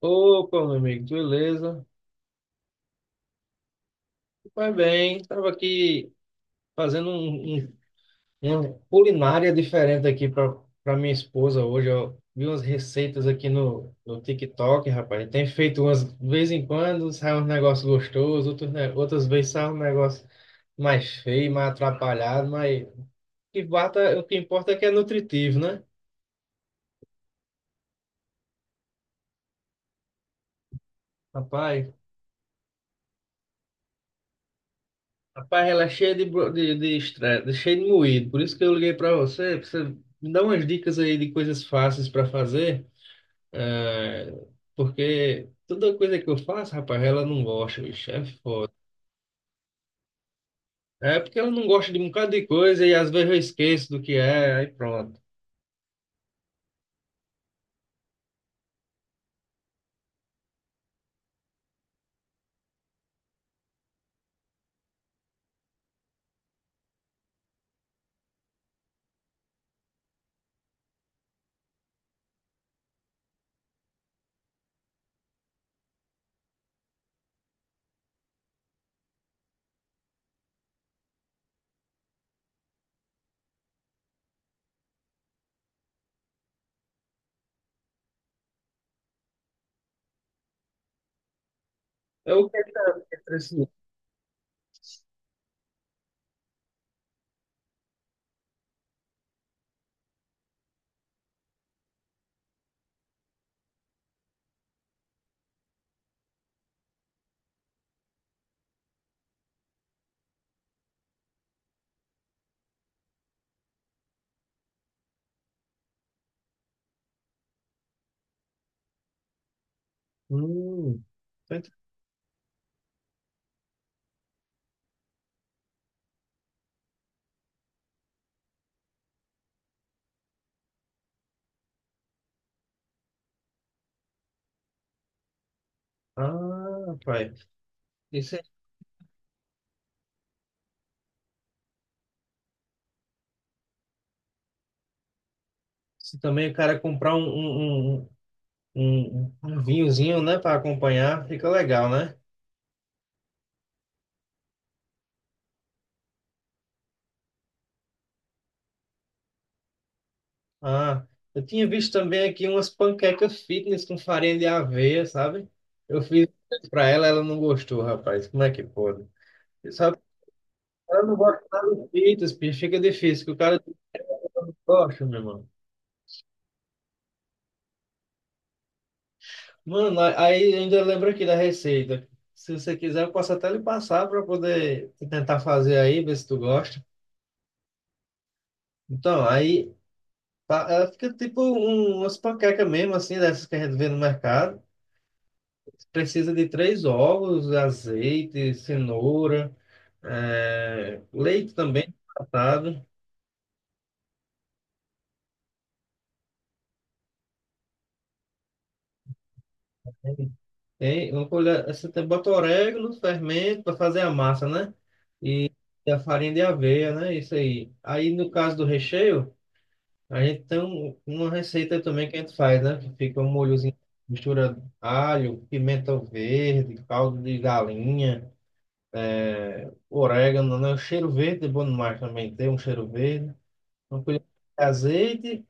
Opa, meu amigo, beleza? Vai bem, estava aqui fazendo uma culinária diferente aqui para minha esposa hoje. Eu vi umas receitas aqui no TikTok, rapaz. Tem feito umas, de vez em quando sai uns negócios gostosos, outros, outras vezes sai um negócio mais feio, mais atrapalhado, mas o que importa é que é nutritivo, né? Rapaz. Ela é cheia de estresse, cheia de moído. Por isso que eu liguei para você, pra você me dar umas dicas aí de coisas fáceis para fazer. eh, Porque toda coisa que eu faço, rapaz, ela não gosta, bicho. É foda. É porque ela não gosta de um bocado de coisa e às vezes eu esqueço do que é, aí pronto. É o que tá assim? Hum, tá. Ah, rapaz. Isso, é- isso também o cara comprar um vinhozinho, né, para acompanhar, fica legal, né? Ah, eu tinha visto também aqui umas panquecas fitness com farinha de aveia, sabe? Eu fiz pra ela, ela não gostou, rapaz. Como é que pode? E sabe, ela não gosta de nada de fitness, bicho, fica difícil, que o cara não gosta, meu irmão. Mano, aí ainda lembro aqui da receita. Se você quiser, eu posso até lhe passar para poder tentar fazer aí, ver se tu gosta. Então, aí tá, ela fica tipo um, umas panquecas mesmo, assim, dessas que a gente vê no mercado. Precisa de três ovos, azeite, cenoura, leite também tratado. Tem uma colher, você tem, bota orégano, fermento para fazer a massa, né? E a farinha de aveia, né? Isso aí. Aí no caso do recheio, a gente tem uma receita também que a gente faz, né? Que fica um molhozinho, mistura alho, pimenta verde, caldo de galinha, é, orégano, né? O cheiro verde é bom demais também, tem um cheiro verde. Uma colher de azeite,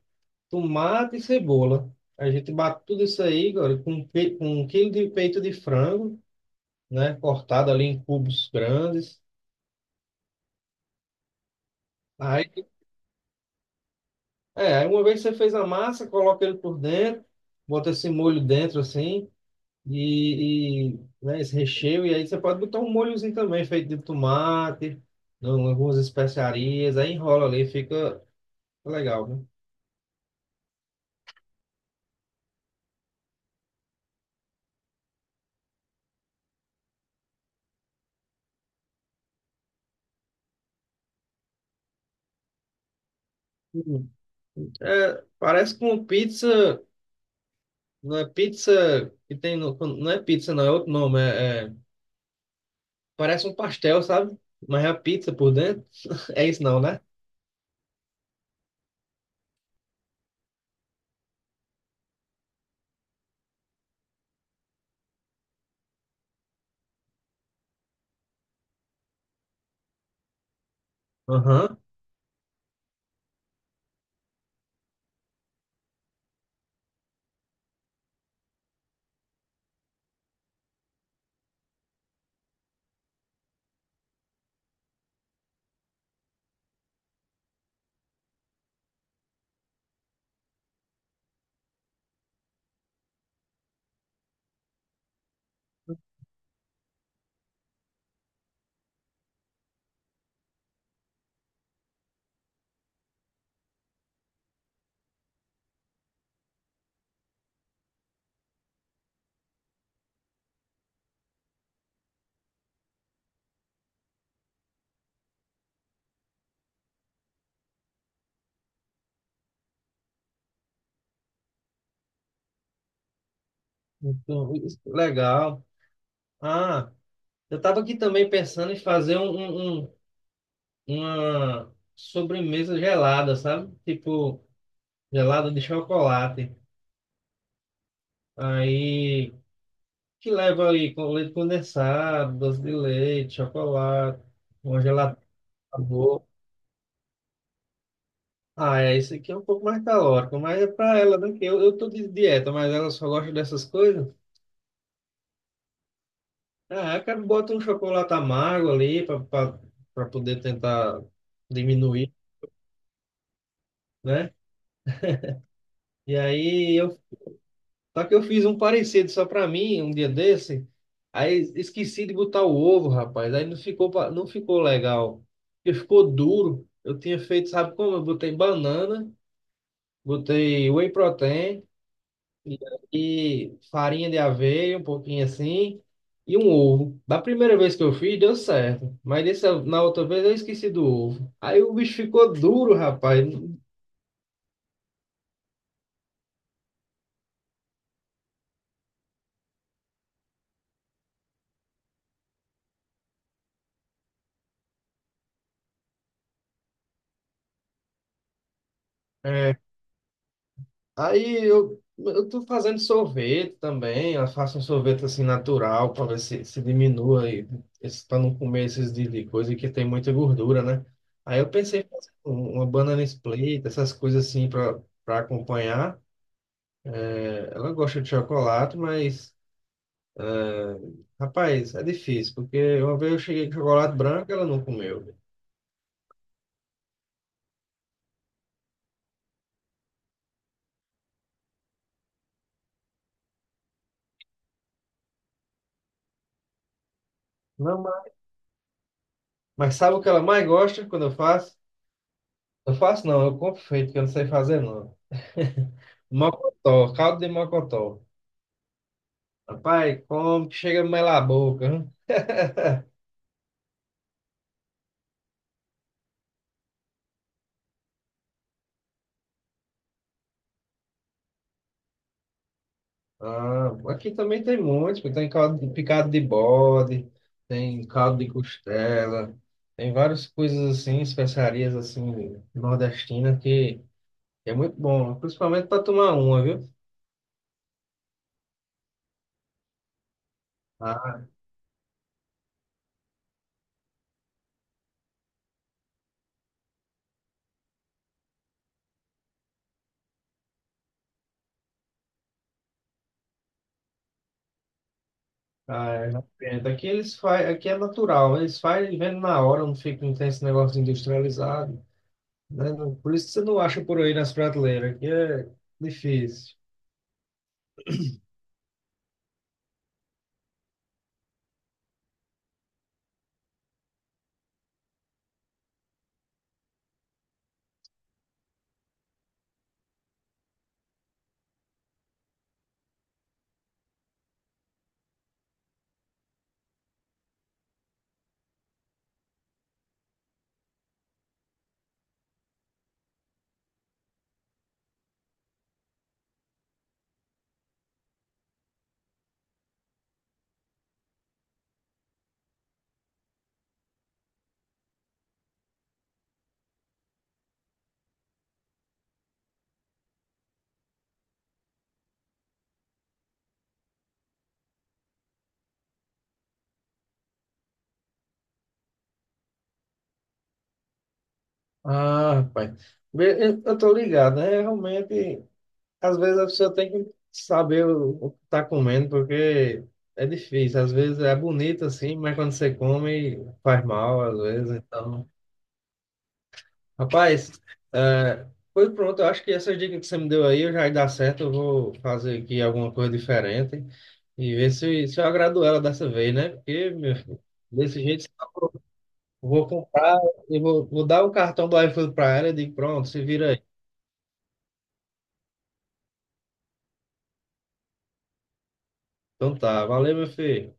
tomate e cebola. A gente bate tudo isso aí, agora, com, com um quilo de peito de frango, né? Cortado ali em cubos grandes. Aí, é, aí uma vez que você fez a massa, coloca ele por dentro, bota esse molho dentro assim, né, esse recheio, e aí você pode botar um molhozinho também, feito de tomate, não, algumas especiarias, aí enrola ali, fica legal, né? Hum. É, parece com pizza, não é pizza que tem, não é pizza, não, é outro nome, parece um pastel, sabe? Mas é a pizza por dentro. É isso não, né? Aham. Então, isso, legal. Ah, eu estava aqui também pensando em fazer uma sobremesa gelada, sabe? Tipo, gelada de chocolate. Aí, que leva aí com leite condensado, doce de leite, chocolate, uma gelada sabor. Ah, é, isso aqui é um pouco mais calórico, mas é para ela, né? Que eu tô de dieta, mas ela só gosta dessas coisas. É, cara, bota um chocolate amargo ali para poder tentar diminuir, né? E aí eu, só que eu fiz um parecido só para mim um dia desse. Aí esqueci de botar o ovo, rapaz. Aí não ficou não ficou legal. Porque ficou duro. Eu tinha feito, sabe como? Eu botei banana, botei whey protein e aí, farinha de aveia, um pouquinho assim, e um ovo. Da primeira vez que eu fiz, deu certo. Mas dessa, na outra vez eu esqueci do ovo. Aí o bicho ficou duro, rapaz. É, aí eu tô fazendo sorvete também. Eu faço um sorvete assim natural para ver se diminua aí, para não comer esses de coisa que tem muita gordura, né? Aí eu pensei em fazer uma banana split, essas coisas assim para acompanhar. É, ela gosta de chocolate, mas. Rapaz, é difícil, porque uma vez eu cheguei com chocolate branco, ela não comeu. Não, mas sabe o que ela mais gosta quando eu faço? Eu faço não, eu compro feito, que eu não sei fazer não. Mocotó, caldo de mocotó. Rapaz, como que chega a melar a boca, hein? Ah, aqui também tem muitos, porque tem picado de bode, tem caldo de costela, tem várias coisas assim, especiarias assim, nordestinas, que é muito bom, principalmente para tomar uma, viu? Ah, é, não entendo. Aqui eles faz, aqui é natural, né? Eles fazem vendo na hora, não fica, não tem esse negócio industrializado, né? Não- Por isso que você não acha por aí nas prateleiras, que é difícil. Ah, rapaz, bem, eu tô ligado, né? Realmente, às vezes a pessoa tem que saber o que tá comendo, porque é difícil. Às vezes é bonito assim, mas quando você come, faz mal, às vezes, então. Rapaz, é, foi pronto. Eu acho que essas dicas que você me deu aí eu já dá certo. Eu vou fazer aqui alguma coisa diferente e ver se eu agrado ela dessa vez, né? Porque, meu filho, desse jeito, eu vou comprar vou dar o cartão do iFood para ela e digo, pronto, se vira aí. Então tá, valeu, meu filho.